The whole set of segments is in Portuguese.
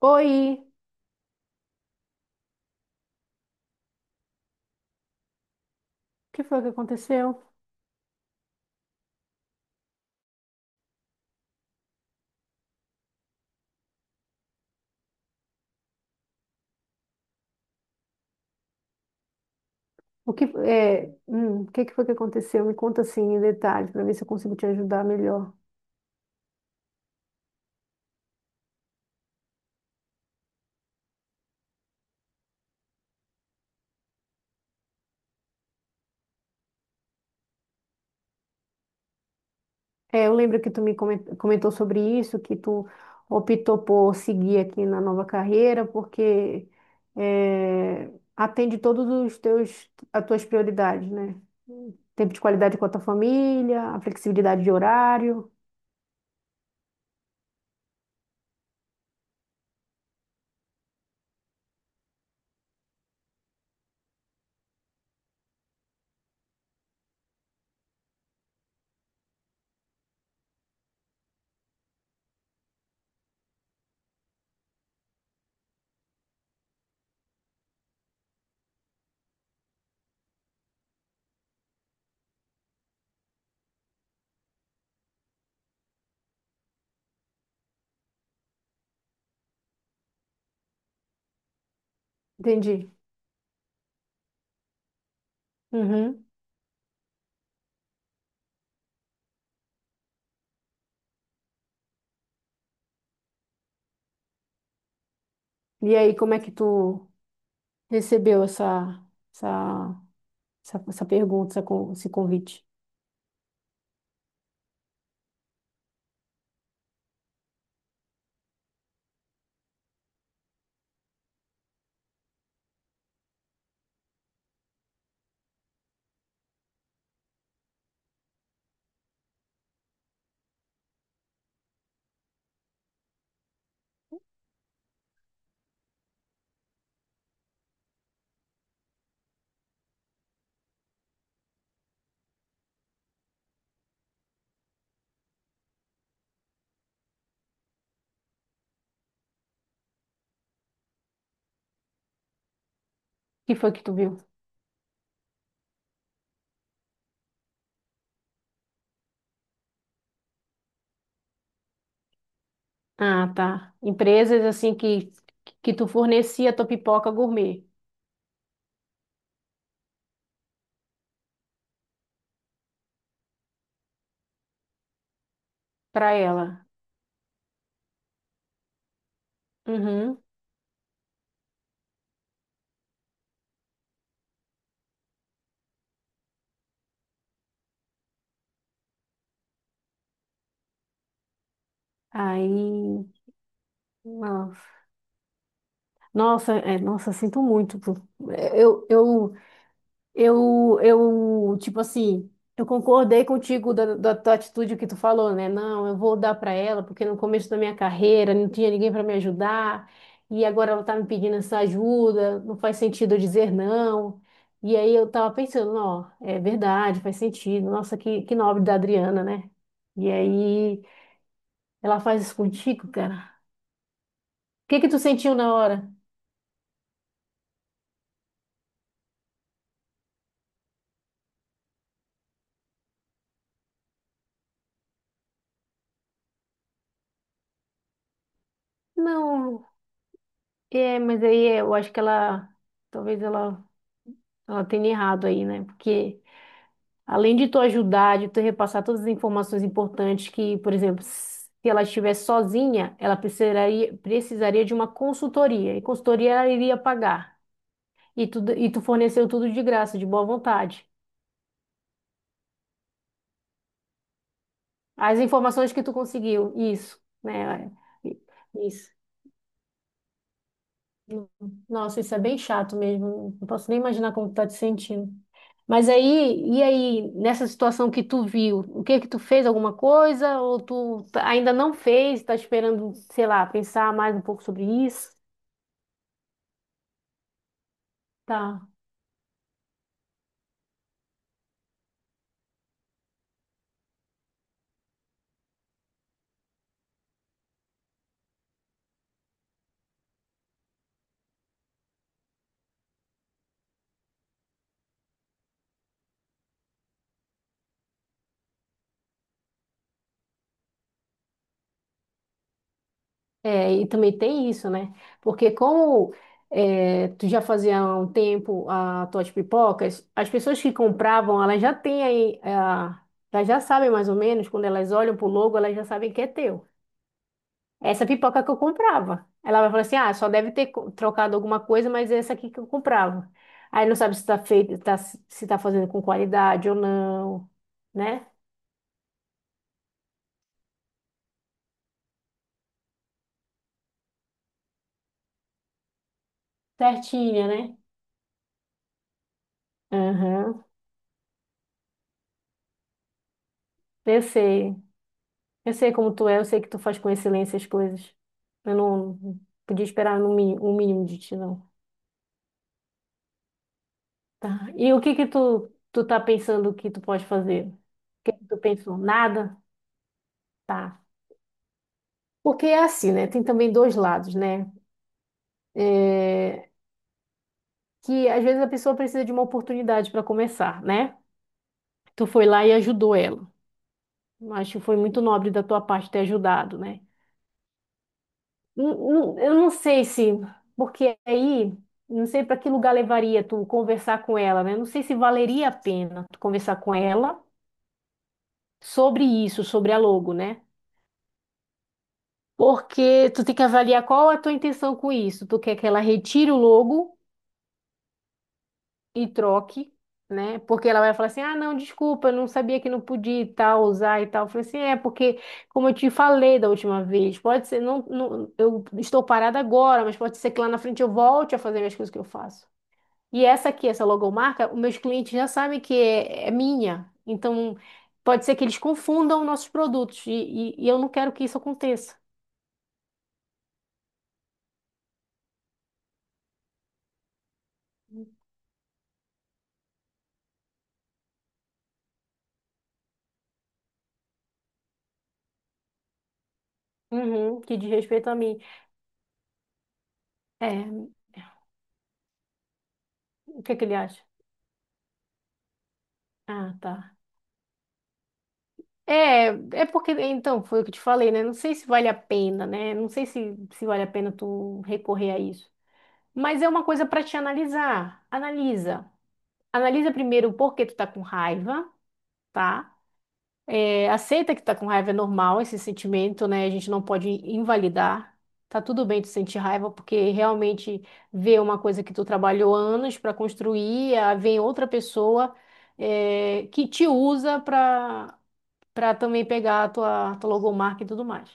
Oi, o que foi que aconteceu? O que, o que que foi que aconteceu? Me conta assim em detalhes para ver se eu consigo te ajudar melhor. É, eu lembro que tu me comentou sobre isso, que tu optou por seguir aqui na nova carreira, porque é, atende todos os teus, as tuas prioridades, né? Tempo de qualidade com a tua família, a flexibilidade de horário. Entendi. Uhum. E aí, como é que tu recebeu essa essa pergunta, essa esse convite. O que foi que tu viu? Ah, tá. Empresas assim que tu fornecia tua pipoca gourmet pra ela. Uhum. Aí, nossa, nossa, sinto muito. Pô. Eu, eu tipo assim, eu concordei contigo da, da tua atitude que tu falou, né? Não, eu vou dar pra ela, porque no começo da minha carreira não tinha ninguém pra me ajudar, e agora ela tá me pedindo essa ajuda, não faz sentido eu dizer não. E aí eu tava pensando, ó, é verdade, faz sentido. Nossa, que nobre da Adriana, né? E aí ela faz isso contigo, cara. O que que tu sentiu na hora? Não, é, mas aí eu acho que ela, talvez ela, ela tenha errado aí, né? Porque além de tu ajudar, de tu repassar todas as informações importantes que, por exemplo, se ela estivesse sozinha, ela precisaria, precisaria de uma consultoria, e consultoria ela iria pagar. E tu, e tu forneceu tudo de graça, de boa vontade. As informações que tu conseguiu, isso, né? É, isso. Nossa, isso é bem chato mesmo. Não posso nem imaginar como tu tá te sentindo. Mas aí, e aí, nessa situação que tu viu, o que que tu fez? Alguma coisa? Ou tu ainda não fez, tá esperando, sei lá, pensar mais um pouco sobre isso? Tá. É, e também tem isso, né? Porque como tu já fazia há um tempo as tuas pipocas, as pessoas que compravam, elas já têm aí, ah, elas já sabem mais ou menos, quando elas olham pro logo, elas já sabem que é teu. Essa pipoca que eu comprava. Ela vai falar assim: ah, só deve ter trocado alguma coisa, mas é essa aqui que eu comprava. Aí não sabe se tá feito, se tá fazendo com qualidade ou não, né? Certinha, né? Aham. Eu sei. Eu sei como tu é, eu sei que tu faz com excelência as coisas. Eu não podia esperar no mínimo, um mínimo de ti, não. Tá. E o que que tu, tu tá pensando que tu pode fazer? O que que tu pensou? Nada? Tá. Porque é assim, né? Tem também dois lados, né? É, que às vezes a pessoa precisa de uma oportunidade para começar, né? Tu foi lá e ajudou ela. Acho que foi muito nobre da tua parte ter ajudado, né? Eu não sei se, porque aí, não sei para que lugar levaria tu conversar com ela, né? Não sei se valeria a pena tu conversar com ela sobre isso, sobre a logo, né? Porque tu tem que avaliar qual é a tua intenção com isso. Tu quer que ela retire o logo e troque, né? Porque ela vai falar assim: ah, não, desculpa, eu não sabia que não podia e tal, usar e tal. Eu falei assim: é, porque, como eu te falei da última vez, pode ser, não, não, eu estou parada agora, mas pode ser que lá na frente eu volte a fazer as coisas que eu faço. E essa aqui, essa logomarca, os meus clientes já sabem que é minha. Então, pode ser que eles confundam nossos produtos e eu não quero que isso aconteça. Uhum, que diz respeito a mim. É, o que é que ele acha? Ah, tá. É, é porque, então, foi o que eu te falei, né? Não sei se vale a pena, né? Não sei se, se vale a pena tu recorrer a isso. Mas é uma coisa para te analisar. Analisa. Analisa primeiro o porquê tu tá com raiva, tá? É, aceita que tá com raiva, é normal esse sentimento, né? A gente não pode invalidar. Tá tudo bem tu sentir raiva, porque realmente ver uma coisa que tu trabalhou anos para construir, ah, vem outra pessoa, é, que te usa para também pegar a tua, tua logomarca e tudo mais.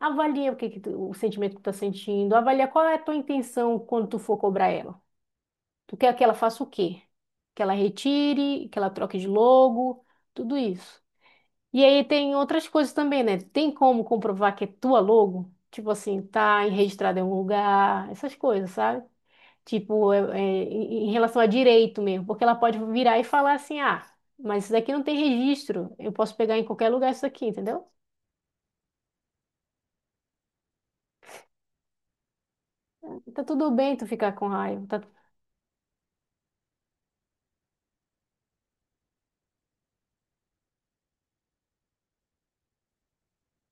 Avalia o que, o sentimento que tu tá sentindo, avalia qual é a tua intenção quando tu for cobrar ela. Tu quer que ela faça o quê? Que ela retire, que ela troque de logo, tudo isso. E aí tem outras coisas também, né? Tem como comprovar que é tua logo? Tipo assim, tá registrada em um lugar, essas coisas, sabe? Tipo, em relação a direito mesmo, porque ela pode virar e falar assim, ah, mas isso daqui não tem registro, eu posso pegar em qualquer lugar isso aqui, entendeu? Tá tudo bem tu ficar com raiva. Tá...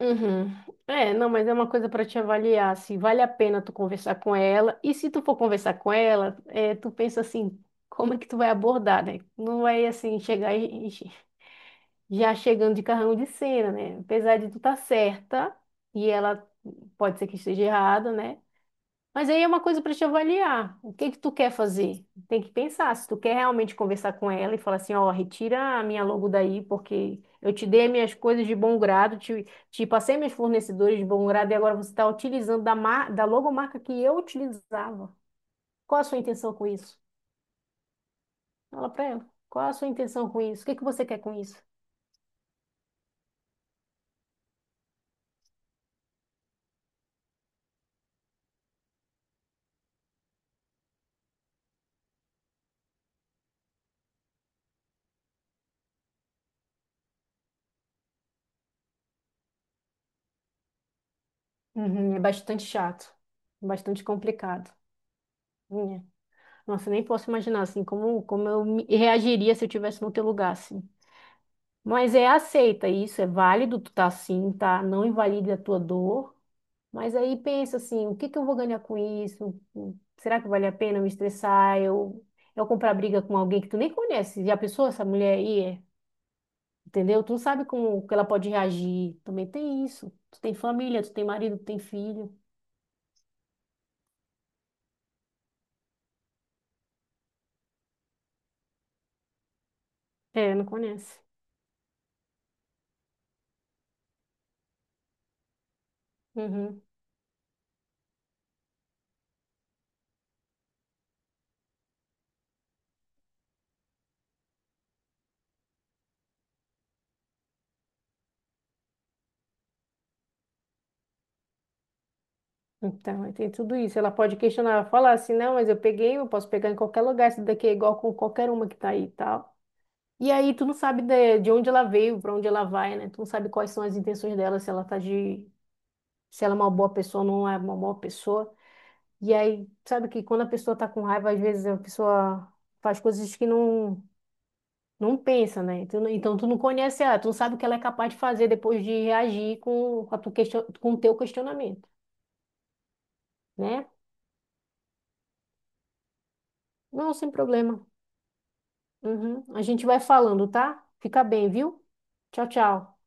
Uhum. É, não, mas é uma coisa para te avaliar, se vale a pena tu conversar com ela. E se tu for conversar com ela, é, tu pensa assim, como é que tu vai abordar, né? Não vai assim chegar já chegando de carrão de cena, né? Apesar de tu tá certa e ela pode ser que esteja errada, né? Mas aí é uma coisa para te avaliar. O que que tu quer fazer? Tem que pensar se tu quer realmente conversar com ela e falar assim, ó, retira a minha logo daí, porque eu te dei minhas coisas de bom grado, te passei meus fornecedores de bom grado e agora você está utilizando da, mar, da logomarca que eu utilizava. Qual a sua intenção com isso? Fala para ela. Qual a sua intenção com isso? O que que você quer com isso? Uhum, é bastante chato, bastante complicado. Minha. Nossa, eu nem posso imaginar assim como, como eu reagiria se eu tivesse no teu lugar, assim. Mas é aceita isso, é válido, tu tá assim, tá? Não invalide a tua dor. Mas aí pensa assim, o que que eu vou ganhar com isso? Será que vale a pena eu me estressar? Eu comprar briga com alguém que tu nem conhece. Já pensou essa mulher aí? Entendeu? Tu não sabe como que ela pode reagir. Também tem isso. Tu tem família, tu tem marido, tu tem filho. É, não conhece. Uhum. Então, aí tem tudo isso. Ela pode questionar, falar assim, não, mas eu peguei, eu posso pegar em qualquer lugar, isso daqui é igual com qualquer uma que tá aí e tal. E aí tu não sabe de onde ela veio, para onde ela vai, né? Tu não sabe quais são as intenções dela, se ela tá de, se ela é uma boa pessoa ou não é uma boa pessoa. E aí, sabe que quando a pessoa tá com raiva, às vezes a pessoa faz coisas que não pensa, né? Tu não- Então, tu não conhece ela, tu não sabe o que ela é capaz de fazer depois de reagir com a tua question, com o teu questionamento, né? Não, sem problema. Uhum. A gente vai falando, tá? Fica bem, viu? Tchau, tchau.